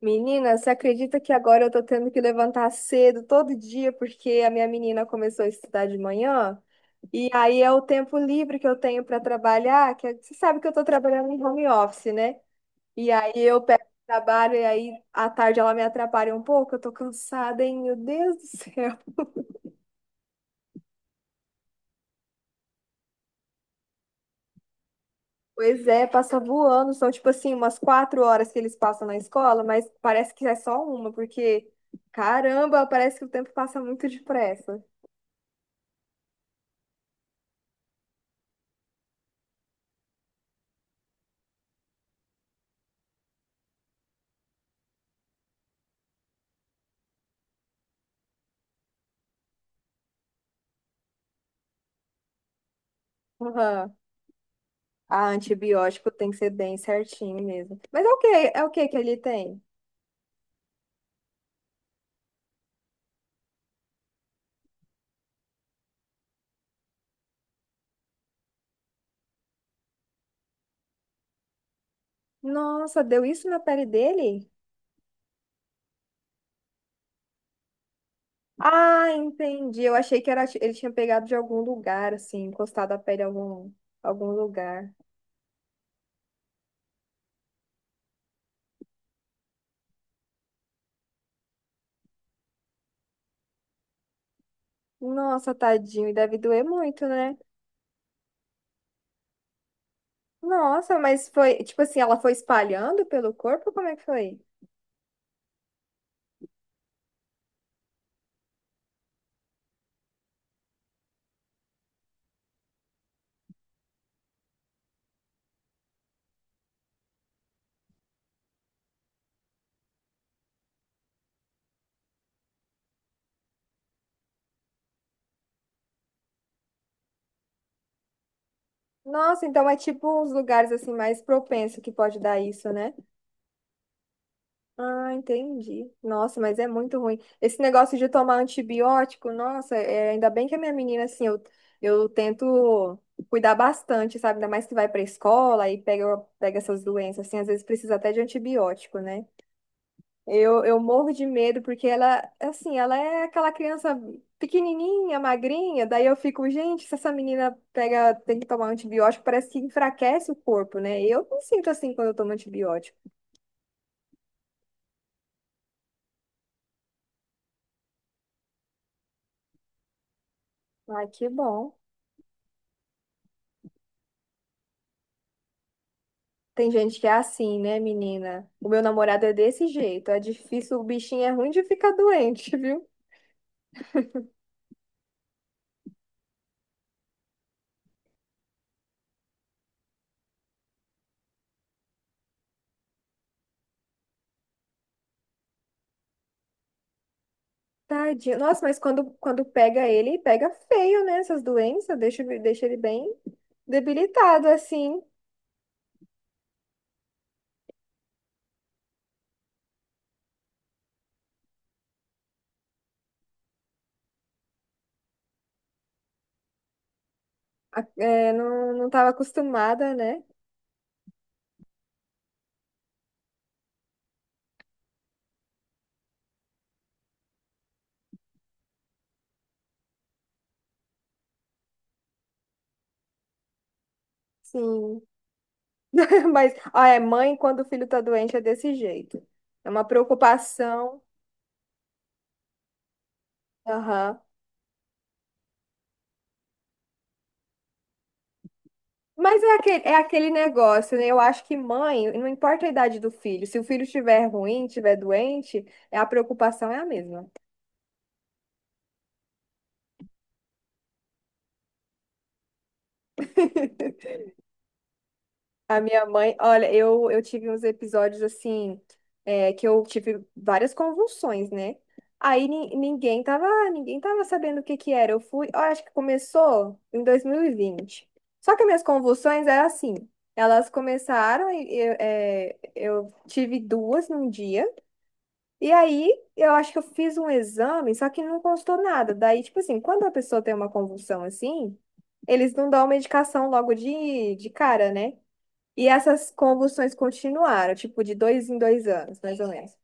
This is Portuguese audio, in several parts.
Menina, você acredita que agora eu tô tendo que levantar cedo todo dia porque a minha menina começou a estudar de manhã? E aí é o tempo livre que eu tenho para trabalhar, você sabe que eu tô trabalhando em home office, né? E aí eu pego o trabalho e aí à tarde ela me atrapalha um pouco, eu tô cansada, hein? Meu Deus do céu. Pois é, passa voando, são tipo assim umas 4 horas que eles passam na escola, mas parece que é só uma, porque caramba, parece que o tempo passa muito depressa. Aham. Ah, antibiótico tem que ser bem certinho mesmo. Mas é o que que ele tem? Nossa, deu isso na pele dele? Ah, entendi. Eu achei que era, ele tinha pegado de algum lugar, assim, encostado a pele em algum lugar. Nossa, tadinho, e deve doer muito, né? Nossa, mas foi, tipo assim, ela foi espalhando pelo corpo? Como é que foi? Nossa, então é tipo uns lugares assim mais propenso que pode dar isso, né? Ah, entendi. Nossa, mas é muito ruim. Esse negócio de tomar antibiótico, nossa, é, ainda bem que a minha menina, assim, eu tento cuidar bastante, sabe? Ainda mais que vai pra escola e pega essas doenças, assim, às vezes precisa até de antibiótico, né? Eu morro de medo porque ela, assim, ela é aquela criança pequenininha, magrinha, daí eu fico, gente, se essa menina pega, tem que tomar antibiótico, parece que enfraquece o corpo, né? Eu não sinto assim quando eu tomo antibiótico. Ai, que bom. Tem gente que é assim, né, menina? O meu namorado é desse jeito. É difícil, o bichinho é ruim de ficar doente, viu? Tadinho. Nossa, mas quando pega ele, pega feio, né? Essas doenças, deixa ele bem debilitado, assim. É, não tava acostumada, né? Sim. Mas, ah, é mãe quando o filho tá doente é desse jeito. É uma preocupação. Aham. Mas é aquele negócio, né? Eu acho que mãe, não importa a idade do filho, se o filho estiver ruim, estiver doente, é a preocupação é a mesma. A minha mãe, olha, eu tive uns episódios assim, é, que eu tive várias convulsões, né? Aí ninguém tava sabendo o que que era. Eu fui, eu acho que começou em 2020. Só que minhas convulsões eram assim, elas começaram, eu tive duas num dia. E aí, eu acho que eu fiz um exame, só que não constou nada. Daí, tipo assim, quando a pessoa tem uma convulsão assim, eles não dão medicação logo de cara, né? E essas convulsões continuaram, tipo, de dois em dois anos, mais ou menos.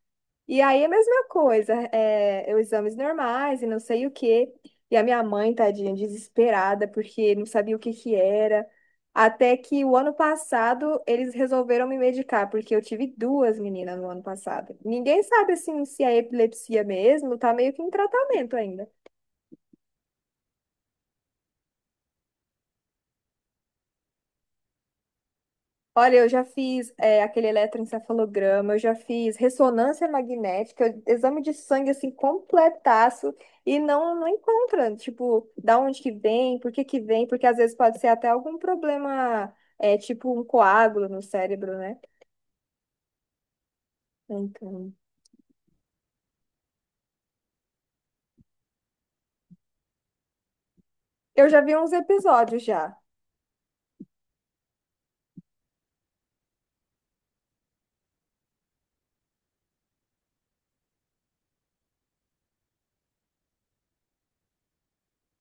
E aí é a mesma coisa, é, eu exames normais e não sei o quê. E a minha mãe, tadinha, desesperada, porque não sabia o que que era. Até que o ano passado eles resolveram me medicar, porque eu tive duas meninas no ano passado. Ninguém sabe assim se é epilepsia mesmo, tá meio que em tratamento ainda. Olha, eu já fiz é, aquele eletroencefalograma, eu já fiz ressonância magnética, exame de sangue assim completaço e não encontra, tipo, da onde que vem, por que que vem, porque às vezes pode ser até algum problema, é, tipo um coágulo no cérebro, né? Então, eu já vi uns episódios já.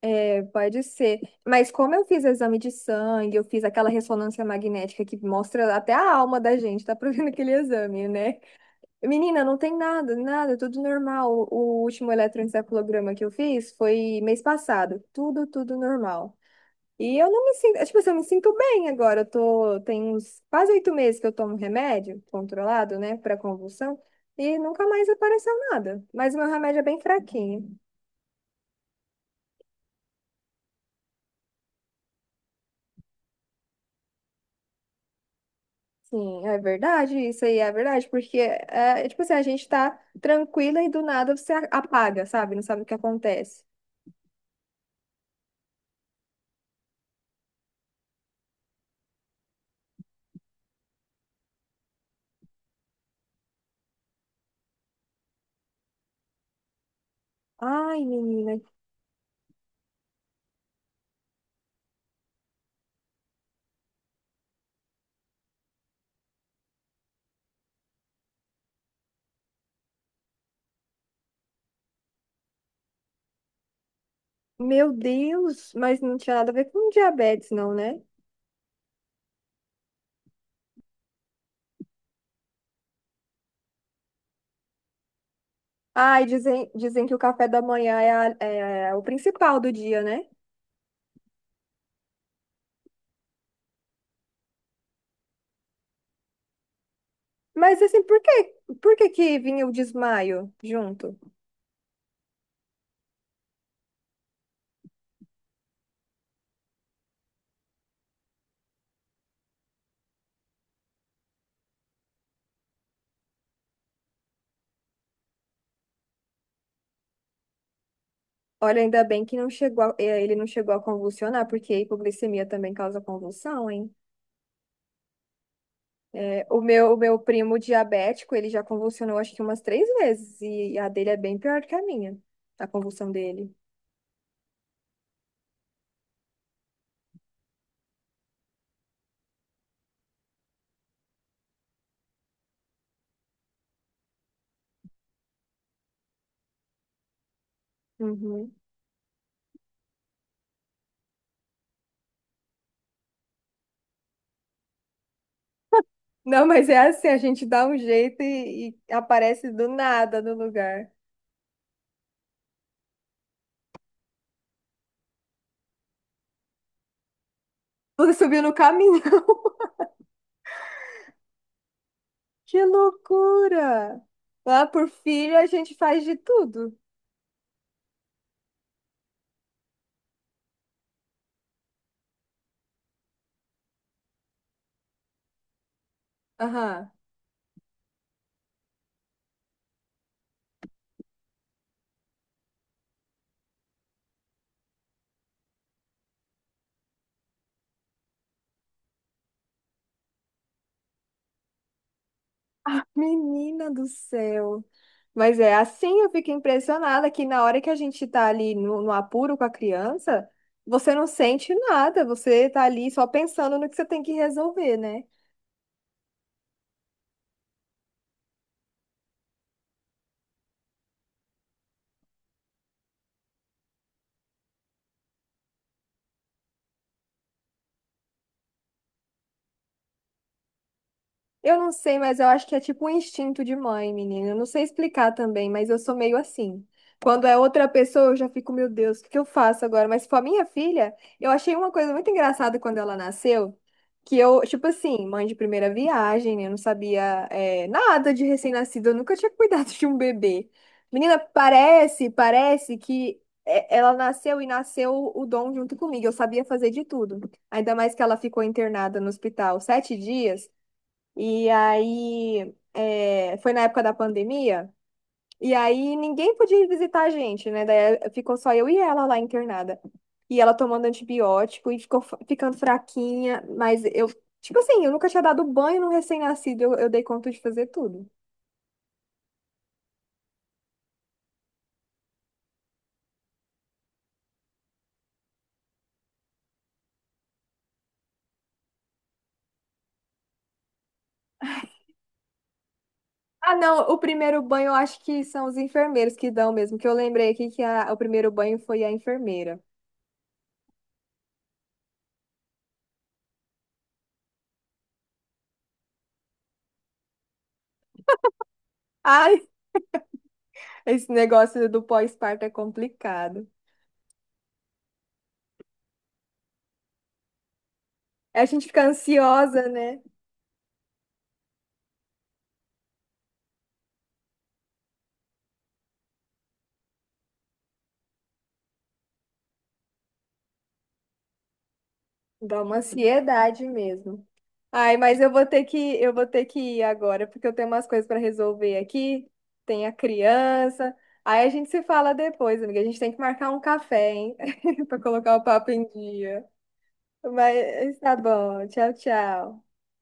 É, pode ser. Mas como eu fiz exame de sangue, eu fiz aquela ressonância magnética que mostra até a alma da gente, tá provendo aquele exame, né? Menina, não tem nada, nada, tudo normal. O último eletroencefalograma que eu fiz foi mês passado. Tudo normal. E eu não me sinto, tipo assim, eu me sinto bem agora. Eu tô, tem uns quase 8 meses que eu tomo remédio controlado, né, para convulsão, e nunca mais apareceu nada. Mas o meu remédio é bem fraquinho. Sim, é verdade, isso aí é verdade, tipo assim, a gente tá tranquila e do nada você apaga, sabe? Não sabe o que acontece. Ai, menina, meu Deus, mas não tinha nada a ver com diabetes, não, né? Ai, dizem que o café da manhã é, é o principal do dia, né? Mas assim, por que que vinha o desmaio junto? Olha, ainda bem que não chegou a- eh, ele não chegou a convulsionar, porque a hipoglicemia também causa convulsão, hein? É, o meu primo diabético, ele já convulsionou acho que umas 3 vezes, e a dele é bem pior do que a minha, a convulsão dele. Uhum. Não, mas é assim, a gente dá um jeito e aparece do nada no lugar. Você subiu no caminho. Que loucura! Lá por filho a gente faz de tudo. Aham. Menina do céu. Mas é assim, eu fico impressionada que na hora que a gente tá ali no apuro com a criança, você não sente nada, você tá ali só pensando no que você tem que resolver, né? Eu não sei, mas eu acho que é tipo um instinto de mãe, menina. Eu não sei explicar também, mas eu sou meio assim. Quando é outra pessoa, eu já fico, meu Deus, o que que eu faço agora? Mas se for a minha filha, eu achei uma coisa muito engraçada quando ela nasceu, que eu, tipo assim, mãe de primeira viagem, né? Eu não sabia, é, nada de recém-nascido, eu nunca tinha cuidado de um bebê. Menina, parece que é, ela nasceu e nasceu o dom junto comigo. Eu sabia fazer de tudo. Ainda mais que ela ficou internada no hospital 7 dias. E aí, é, foi na época da pandemia, e aí ninguém podia ir visitar a gente, né? Daí eh, ficou só eu e ela lá internada. E ela tomando antibiótico e ficou ficando fraquinha, mas eu, tipo assim, eu nunca tinha dado banho no recém-nascido, eu dei conta de fazer tudo. Ah, não, o primeiro banho eu acho que são os enfermeiros que dão mesmo, que eu lembrei aqui que o primeiro banho foi a enfermeira. Ai, esse negócio do pós-parto é complicado. A gente fica ansiosa, né? Dá uma ansiedade mesmo. Ai, mas eu vou ter que ir agora, porque eu tenho umas coisas para resolver aqui. Tem a criança. Aí a gente se fala depois, amiga. A gente tem que marcar um café, hein? Para colocar o papo em dia. Mas tá bom. Tchau, tchau.